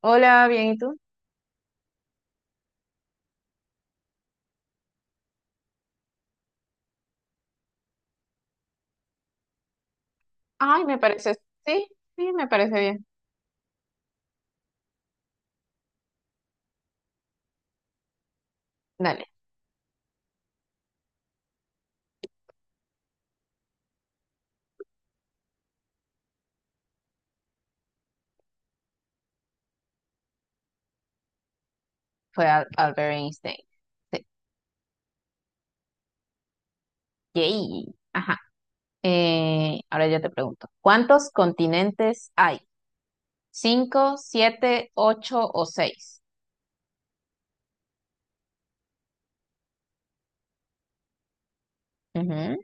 Hola, bien, ¿y tú? Ay, me parece, sí, sí, me parece bien. Dale, fue Albert Einstein. Sí. Yay. Ajá. Ahora yo te pregunto, ¿cuántos continentes hay? ¿Cinco, siete, ocho o seis? Ujú.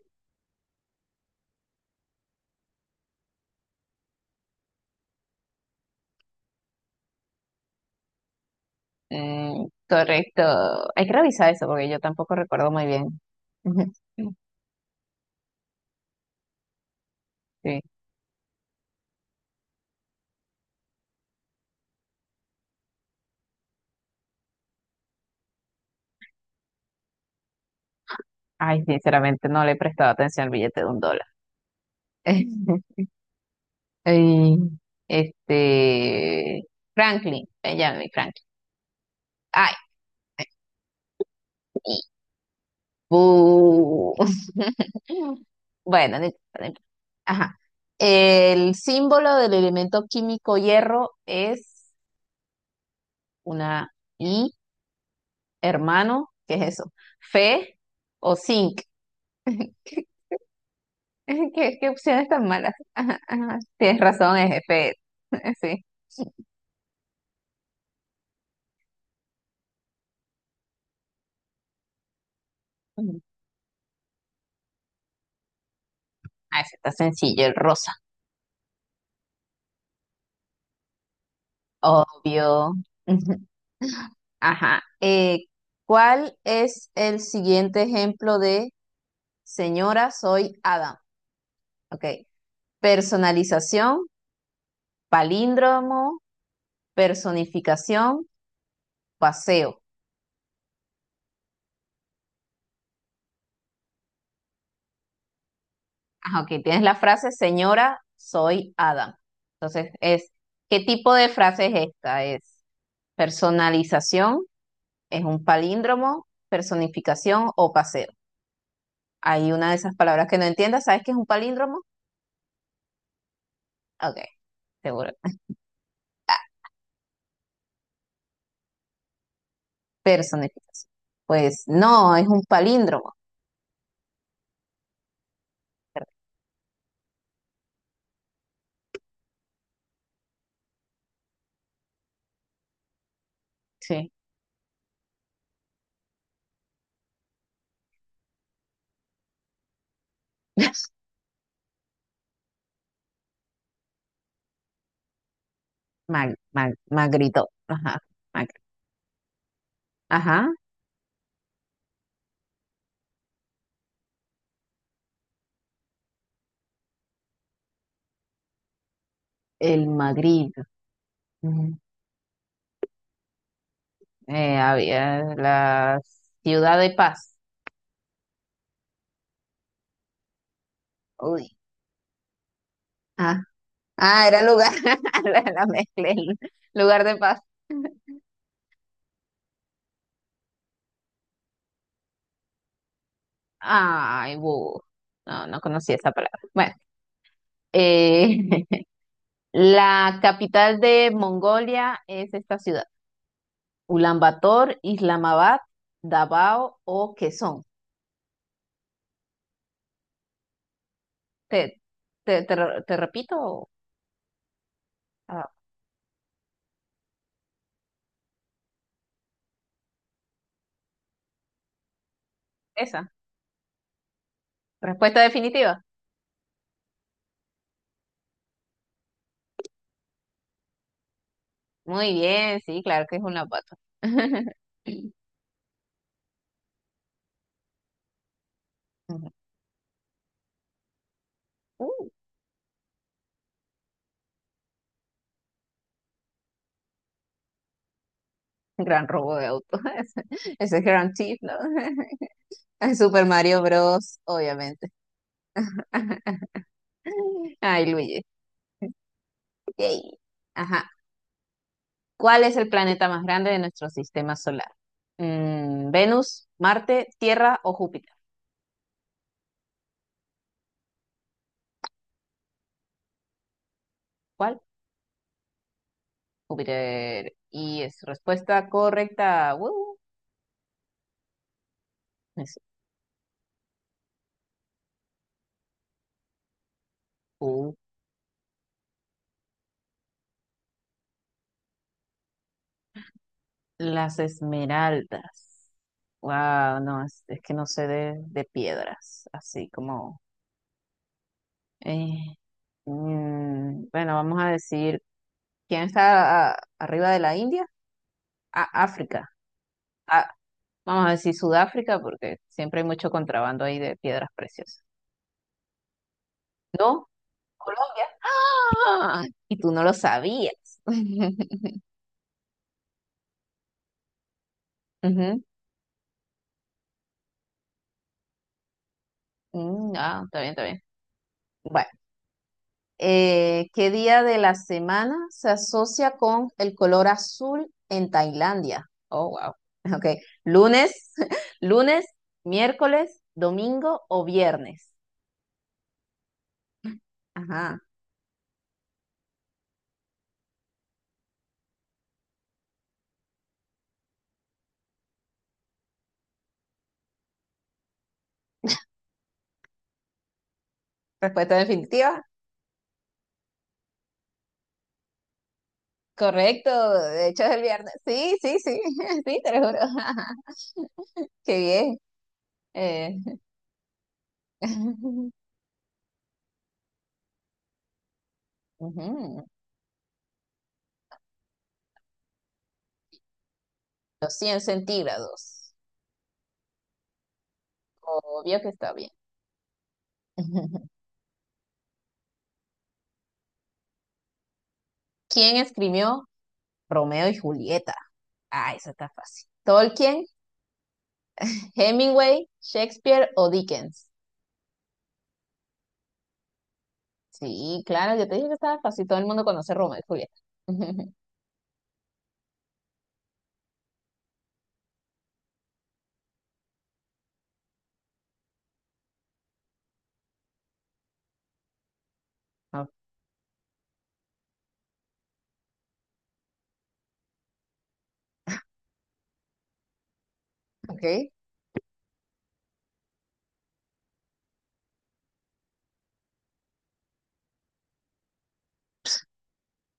Mm, correcto. Hay que revisar eso porque yo tampoco recuerdo muy bien. Ujú. Sí. Ay, sinceramente no le he prestado atención al billete de un dólar. Ay, Este, Franklin, Benjamin Franklin. Ay. Bu. Bueno, no importa, no importa. Ajá. El símbolo del elemento químico hierro es una I, hermano, ¿qué es eso? Fe o zinc. ¿Qué opciones tan malas? Ajá, ajá. Tienes razón, es Fe. Sí. Ujú. Ah, ese está sencillo, el rosa. Obvio. Ujú. Ajá. ¿Cuál es el siguiente ejemplo de señora, soy Adam? Ok. Personalización, palíndromo, personificación, paseo. Ah, ok, tienes la frase, señora, soy Adam. Entonces, ¿qué tipo de frase es esta? Es personalización, es un palíndromo, personificación o paseo. Hay una de esas palabras que no entiendas, ¿sabes qué es un palíndromo? Ok, seguro. Personificación. Pues no, es un palíndromo. Sí. Magrito. Ajá. mag- Ajá. El Magritte. Ujú. Había la Ciudad de Paz. Uy. Ah, ah, era lugar, la mezclé, lugar de paz. Ay, bu. No, no conocía esa palabra. Bueno, eh, la capital de Mongolia es esta ciudad. Ulaanbaatar, Islamabad, Davao o Quezón. Te, te repito ah, esa. Respuesta definitiva. Muy bien, sí, claro que es Ulaanbaatar. Ujú. Gran robo de auto. Ese es Grand Theft, ¿no? Super Mario Bros, obviamente. Ay, Luigi. Yay. Ajá. ¿Cuál es el planeta más grande de nuestro sistema solar? Venus, Marte, Tierra o Júpiter. ¿Cuál? Júpiter. Y es respuesta correcta. ¡Woo! Es U. Las esmeraldas. Wow, no, es que no sé de piedras, así como. eh, bueno, vamos a decir, ¿quién está arriba de la India? África. Ah, vamos a decir Sudáfrica porque siempre hay mucho contrabando ahí de piedras preciosas. ¿No? Colombia. Ah, y tú no lo sabías. Ujú. Ah, está bien, está bien. Bueno, ¿qué día de la semana se asocia con el color azul en Tailandia? Oh, wow. Ok, lunes, lunes, miércoles, domingo o viernes. Ajá. Respuesta definitiva. Correcto, de hecho es el viernes. Sí, sí, sí, sí, te lo juro. Qué bien. Eh, ujú, 100 centígrados. Obvio que está bien. ¿Quién escribió Romeo y Julieta? Ah, eso está fácil. ¿Tolkien, Hemingway, Shakespeare o Dickens? Sí, claro, yo te dije que estaba fácil. Todo el mundo conoce Romeo y Julieta. Ok.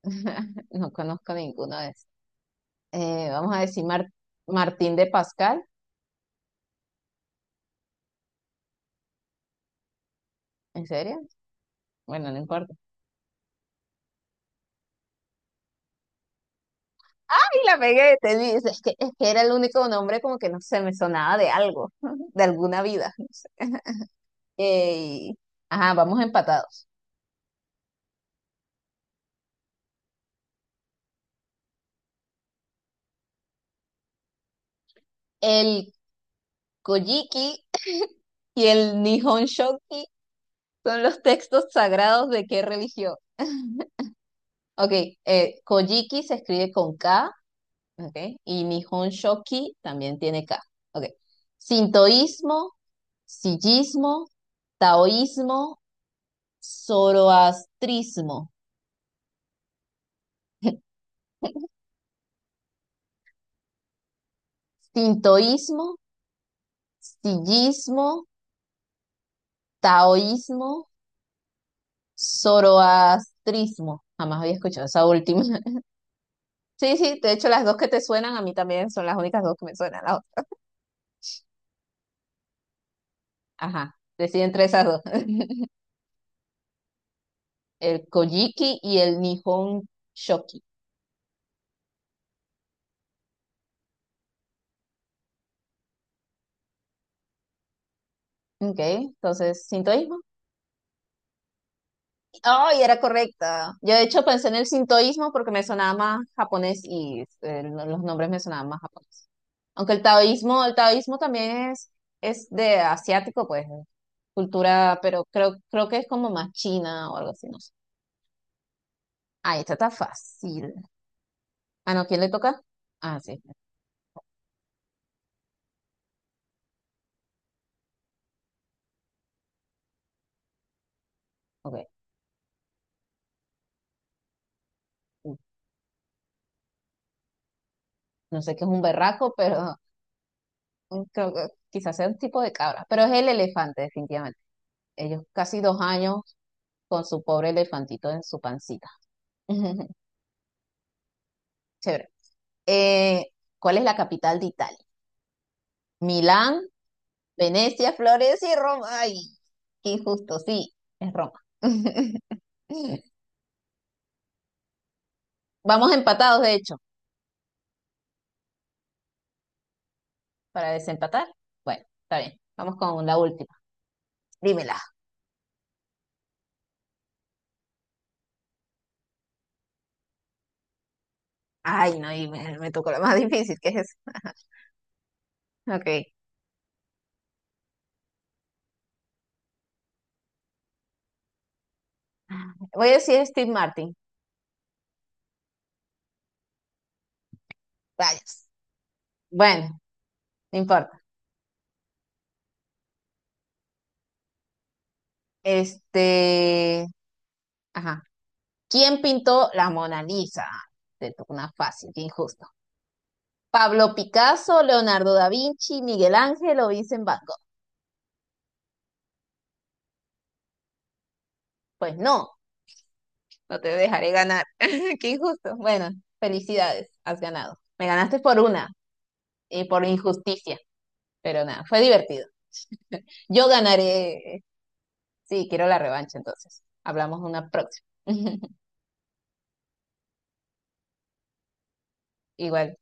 No conozco ninguno de vamos a decir Martín de Pascal, ¿en serio? Bueno, no importa. Ay, la pegué, es que era el único nombre como que no se me sonaba de algo, de alguna vida, no sé. Eh, ajá, vamos empatados. El Kojiki y el Nihon Shoki son los textos sagrados de qué religión. Ok, Kojiki se escribe con K, ok, y Nihon Shoki también tiene K. Ok. Sintoísmo, sillismo, taoísmo zoroastrismo, sintoísmo, sillismo, taoísmo, zoroastrismo. Jamás había escuchado esa última. Sí, sí, de hecho las dos que te suenan a mí también son las únicas dos que me suenan. Las otras. Ajá, decidí entre esas dos. El Kojiki y el Nihon Shoki. Ok, entonces, sintoísmo. Ay, era correcta. Yo de hecho pensé en el sintoísmo porque me sonaba más japonés y los nombres me sonaban más japonés. Aunque el taoísmo también es de asiático, pues, cultura, pero creo que es como más china o algo así, no sé. Ah, esta está fácil. Ah, no, ¿quién le toca? Ah, sí, ok. No sé qué es un berraco, pero creo que quizás sea un tipo de cabra. Pero es el elefante, definitivamente. Ellos casi 2 años con su pobre elefantito en su pancita. Chévere. Eh, ¿Cuál es la capital de Italia? Milán, Venecia, Florencia y Roma. Ay, qué injusto. Sí, es Roma. Vamos empatados, de hecho, para desempatar. Bueno, está bien. Vamos con la última. Dímela. Ay, no, y me tocó la más difícil, ¿qué es eso? Ok. Voy a decir Steve Martin. Rayos. Bueno, no importa. Este, ajá. ¿Quién pintó la Mona Lisa? Te tocó una fácil, qué injusto. Pablo Picasso, Leonardo da Vinci, Miguel Ángel o Vincent Van Gogh. Pues no, no te dejaré ganar. Qué injusto. Bueno, felicidades, has ganado. Me ganaste por una y por injusticia, pero nada, fue divertido. Yo ganaré. Sí, quiero la revancha entonces. Hablamos una próxima. Igual.